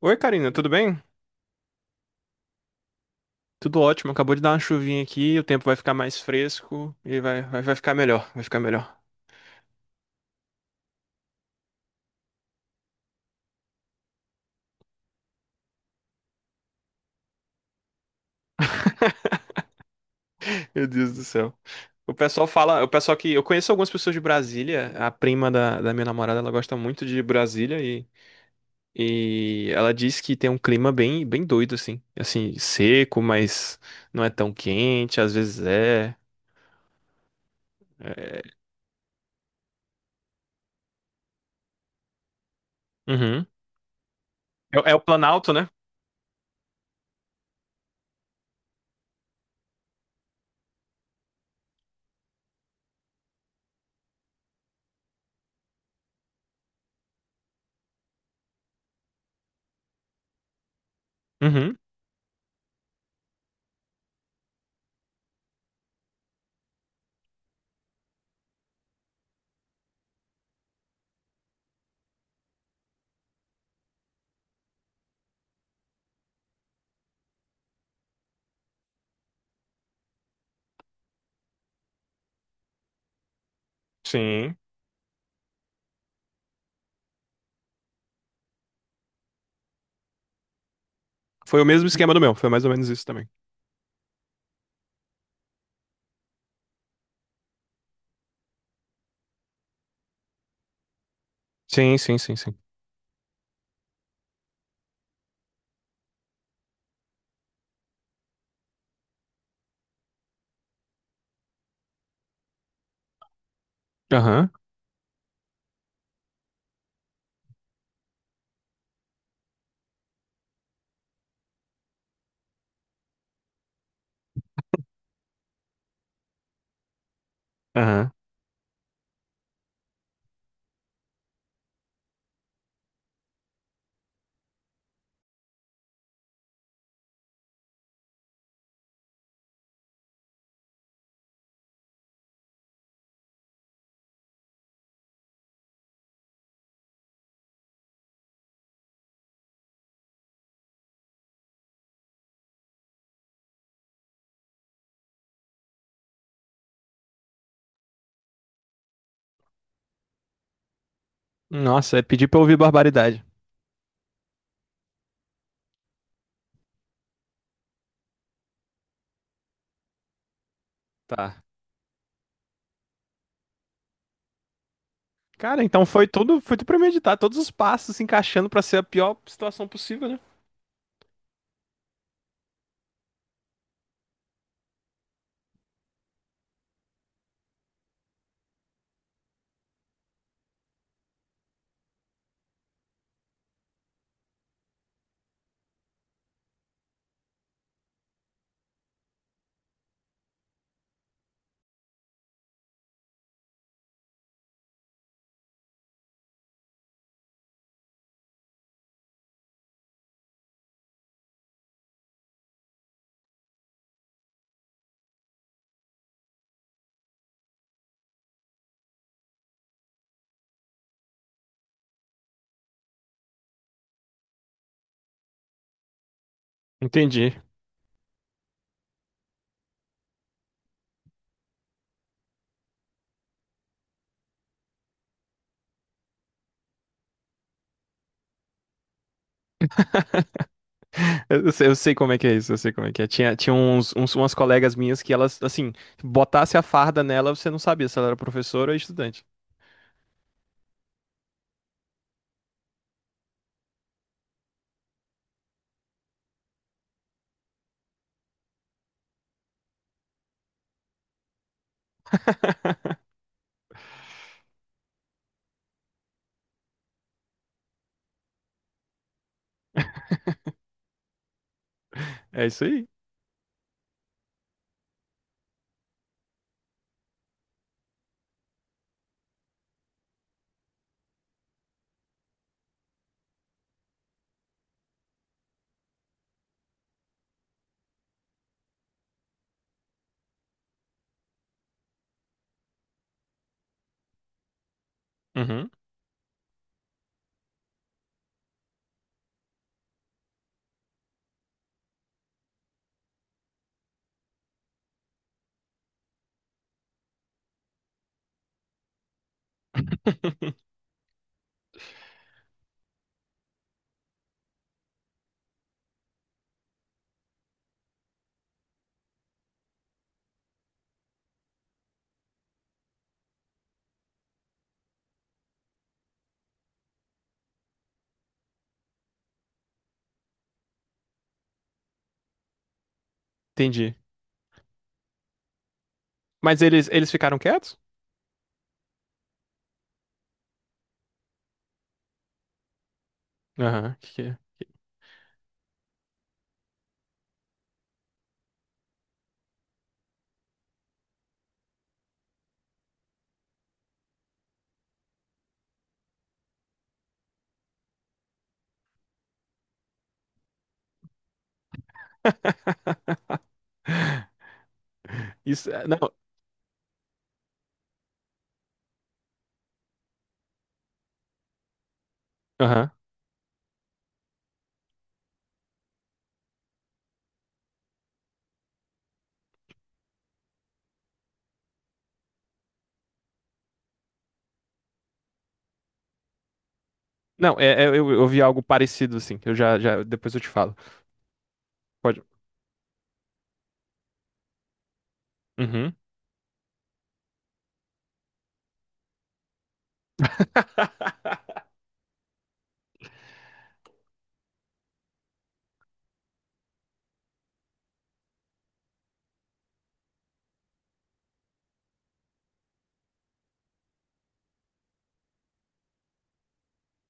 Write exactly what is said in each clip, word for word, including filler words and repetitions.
Oi, Karina, tudo bem? Tudo ótimo. Acabou de dar uma chuvinha aqui, o tempo vai ficar mais fresco e vai, vai, vai ficar melhor, vai ficar melhor. Meu Deus do céu. O pessoal fala, o pessoal que eu conheço algumas pessoas de Brasília, a prima da, da minha namorada, ela gosta muito de Brasília e, e ela diz que tem um clima bem, bem doido assim, assim, seco, mas não é tão quente, às vezes é. Uhum. É, é o Planalto, né? Uhum. Sim. Foi o mesmo esquema do meu, foi mais ou menos isso também. Sim, sim, sim, sim. Aham. Aham. Nossa, é pedir pra eu ouvir barbaridade. Tá. Cara, então foi tudo, foi tudo premeditado, todos os passos se encaixando pra ser a pior situação possível, né? Entendi. Eu, sei, eu sei como é que é isso, eu sei como é que é. Tinha, tinha uns, uns- umas colegas minhas que elas, assim, botasse a farda nela, você não sabia se ela era professora ou estudante. É isso aí. Uhum. Entendi. Mas eles, eles ficaram quietos? Aham, que que é? Isso, é- não, aham. Não, é, é- eu, eu vi algo parecido, assim. Eu já, já, depois eu te falo. Pode. Uhum.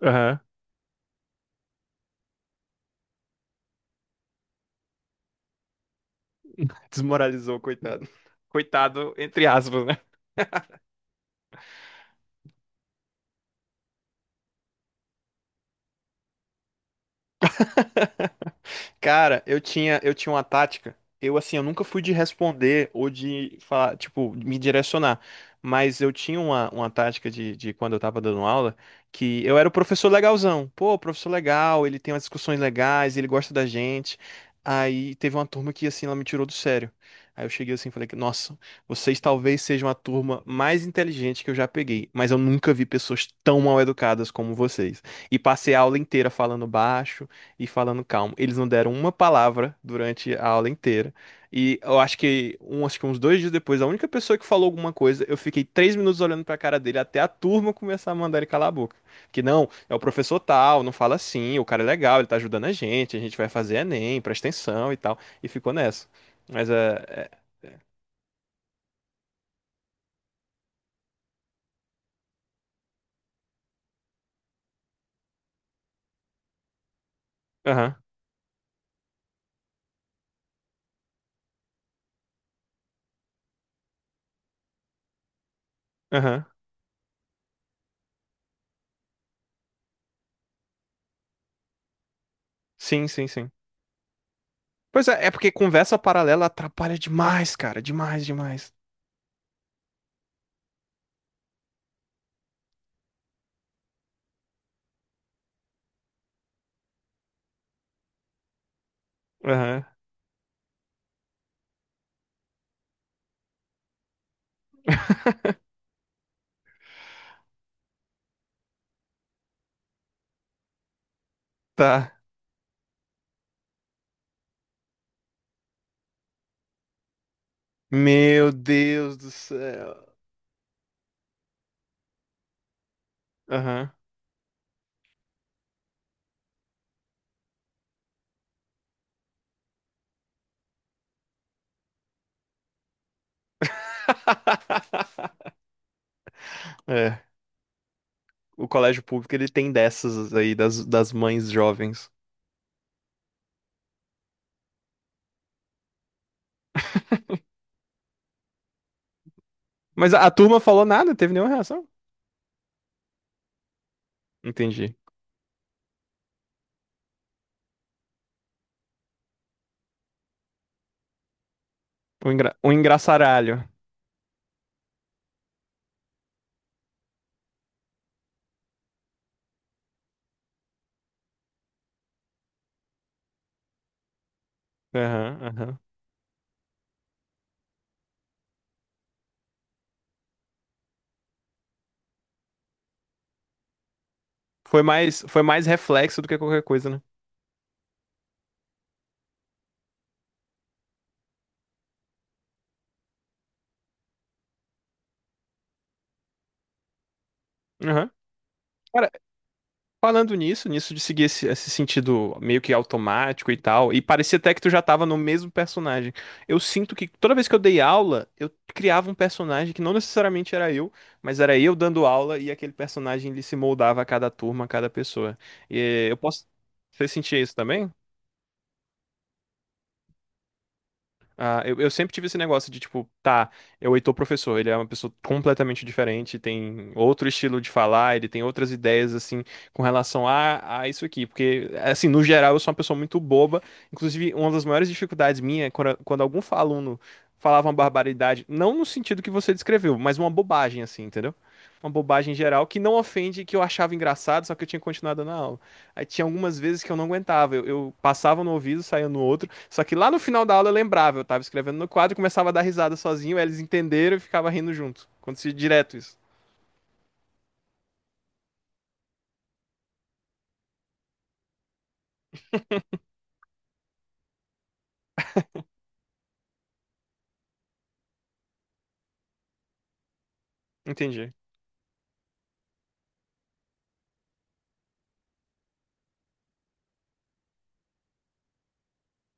Aham. Desmoralizou, coitado. Coitado, entre aspas, né? Cara, eu tinha, eu tinha uma tática. Eu, assim, eu nunca fui de responder ou de falar, tipo, me direcionar. Mas eu tinha uma, uma tática de, de quando eu tava dando aula, que eu era o professor legalzão. Pô, professor legal, ele tem umas discussões legais, ele gosta da gente. Aí teve uma turma que, assim, ela me tirou do sério. Aí eu cheguei assim e falei que, nossa, vocês talvez sejam a turma mais inteligente que eu já peguei, mas eu nunca vi pessoas tão mal educadas como vocês. E passei a aula inteira falando baixo e falando calmo. Eles não deram uma palavra durante a aula inteira. E eu acho que, um, acho que uns dois dias depois, a única pessoa que falou alguma coisa, eu fiquei três minutos olhando pra cara dele até a turma começar a mandar ele calar a boca. Que não, é o professor tal, não fala assim, o cara é legal, ele tá ajudando a gente, a gente vai fazer Enem, presta atenção e tal. E ficou nessa. Mas é. é- Aham, aham. Sim, sim, sim. Pois é, é porque conversa paralela atrapalha demais, cara. Demais, demais. Aham. Tá. Meu Deus do céu. Aham. É, o colégio público ele tem dessas aí das, das mães jovens. Mas a, a turma falou nada, não teve nenhuma reação. Entendi. Um, engra, um engraçaralho. Aham, aham. Foi mais, foi mais reflexo do que qualquer coisa, né? Aham. Cara, falando nisso, nisso de seguir esse, esse sentido meio que automático e tal, e parecia até que tu já tava no mesmo personagem. Eu sinto que toda vez que eu dei aula, eu criava um personagem que não necessariamente era eu, mas era eu dando aula e aquele personagem ele se moldava a cada turma, a cada pessoa. E eu posso. Você sentia isso também? Ah, eu, eu sempre tive esse negócio de, tipo, tá, é o Heitor professor, ele é uma pessoa completamente diferente, tem outro estilo de falar, ele tem outras ideias, assim, com relação a, a isso aqui. Porque, assim, no geral, eu sou uma pessoa muito boba. Inclusive, uma das maiores dificuldades minha é quando, quando algum aluno falava uma barbaridade, não no sentido que você descreveu, mas uma bobagem, assim, entendeu? Uma bobagem geral que não ofende, que eu achava engraçado, só que eu tinha continuado na aula. Aí tinha algumas vezes que eu não aguentava, eu, eu passava no ouvido, saía no outro. Só que lá no final da aula eu lembrava, eu tava escrevendo no quadro, e começava a dar risada sozinho, aí eles entenderam e ficava rindo junto. Acontecia direto isso. Entendi.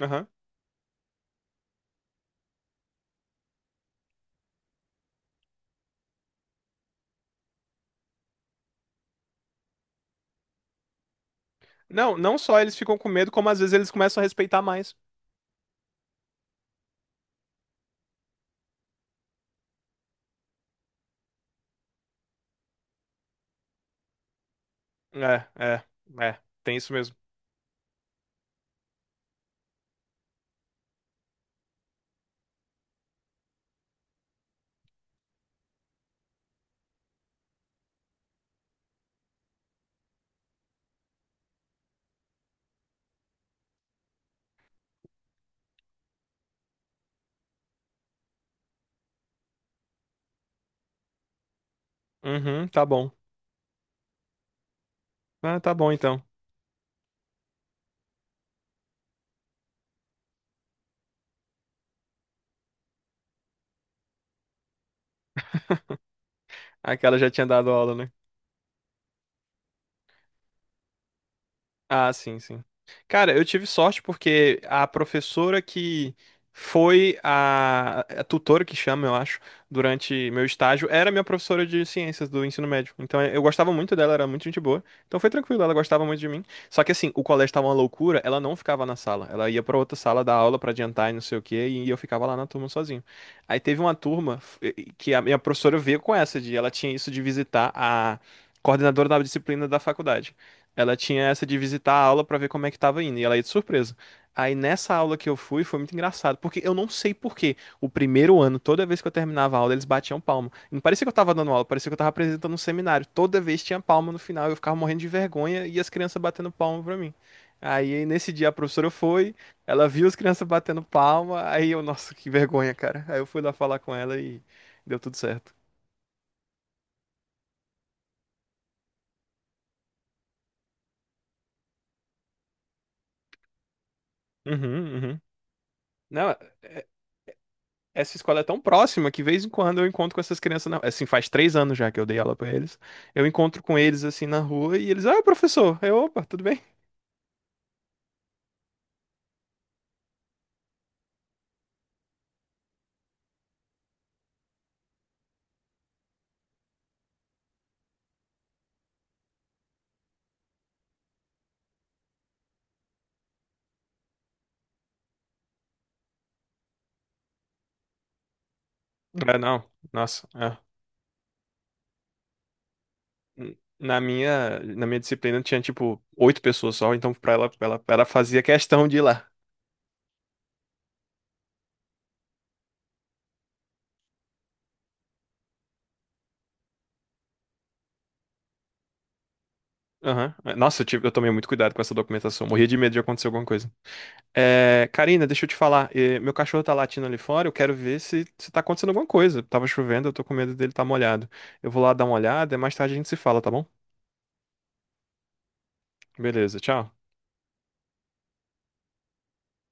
Aham. Não, não só eles ficam com medo, como às vezes eles começam a respeitar mais. É, é, é. Tem isso mesmo. Uhum, tá bom. Ah, tá bom então. Aquela já tinha dado aula, né? Ah, sim, sim. Cara, eu tive sorte porque a professora que foi a, a tutora que chama, eu acho, durante meu estágio, era minha professora de ciências do ensino médio. Então eu gostava muito dela, era muito gente boa. Então foi tranquilo, ela gostava muito de mim. Só que assim, o colégio tava uma loucura, ela não ficava na sala. Ela ia pra outra sala dar aula pra adiantar e não sei o quê, e eu ficava lá na turma sozinho. Aí teve uma turma f- que a minha professora veio com essa de, ela tinha isso de visitar a coordenadora da disciplina da faculdade. Ela tinha essa de visitar a aula pra ver como é que tava indo, e ela ia de surpresa. Aí nessa aula que eu fui, foi muito engraçado, porque eu não sei por quê. O primeiro ano, toda vez que eu terminava a aula, eles batiam palma. Não parecia que eu tava dando aula, parecia que eu tava apresentando um seminário. Toda vez tinha palma no final, eu ficava morrendo de vergonha e as crianças batendo palma pra mim. Aí nesse dia a professora foi, ela viu as crianças batendo palma, aí eu, nossa, que vergonha, cara. Aí eu fui lá falar com ela e deu tudo certo. Uhum, uhum. Não, é, essa escola é tão próxima que, de vez em quando, eu encontro com essas crianças na... Assim, faz três anos já que eu dei aula pra eles. Eu encontro com eles, assim, na rua e eles... Ah, professor! Eu, opa, tudo bem? Ah, não. Nossa. Ah. Na minha, na minha disciplina tinha, tipo, oito pessoas só. Então, pra ela, pra ela, pra ela fazia questão de ir lá. Aham. Nossa, eu, tive, eu tomei muito cuidado com essa documentação. Morria de medo de acontecer alguma coisa. É, Karina, deixa eu te falar. eh, Meu cachorro tá latindo ali fora. Eu quero ver se, se tá acontecendo alguma coisa. Tava chovendo, eu tô com medo dele tá molhado. Eu vou lá dar uma olhada. Mais tarde a gente se fala, tá bom? Beleza, tchau.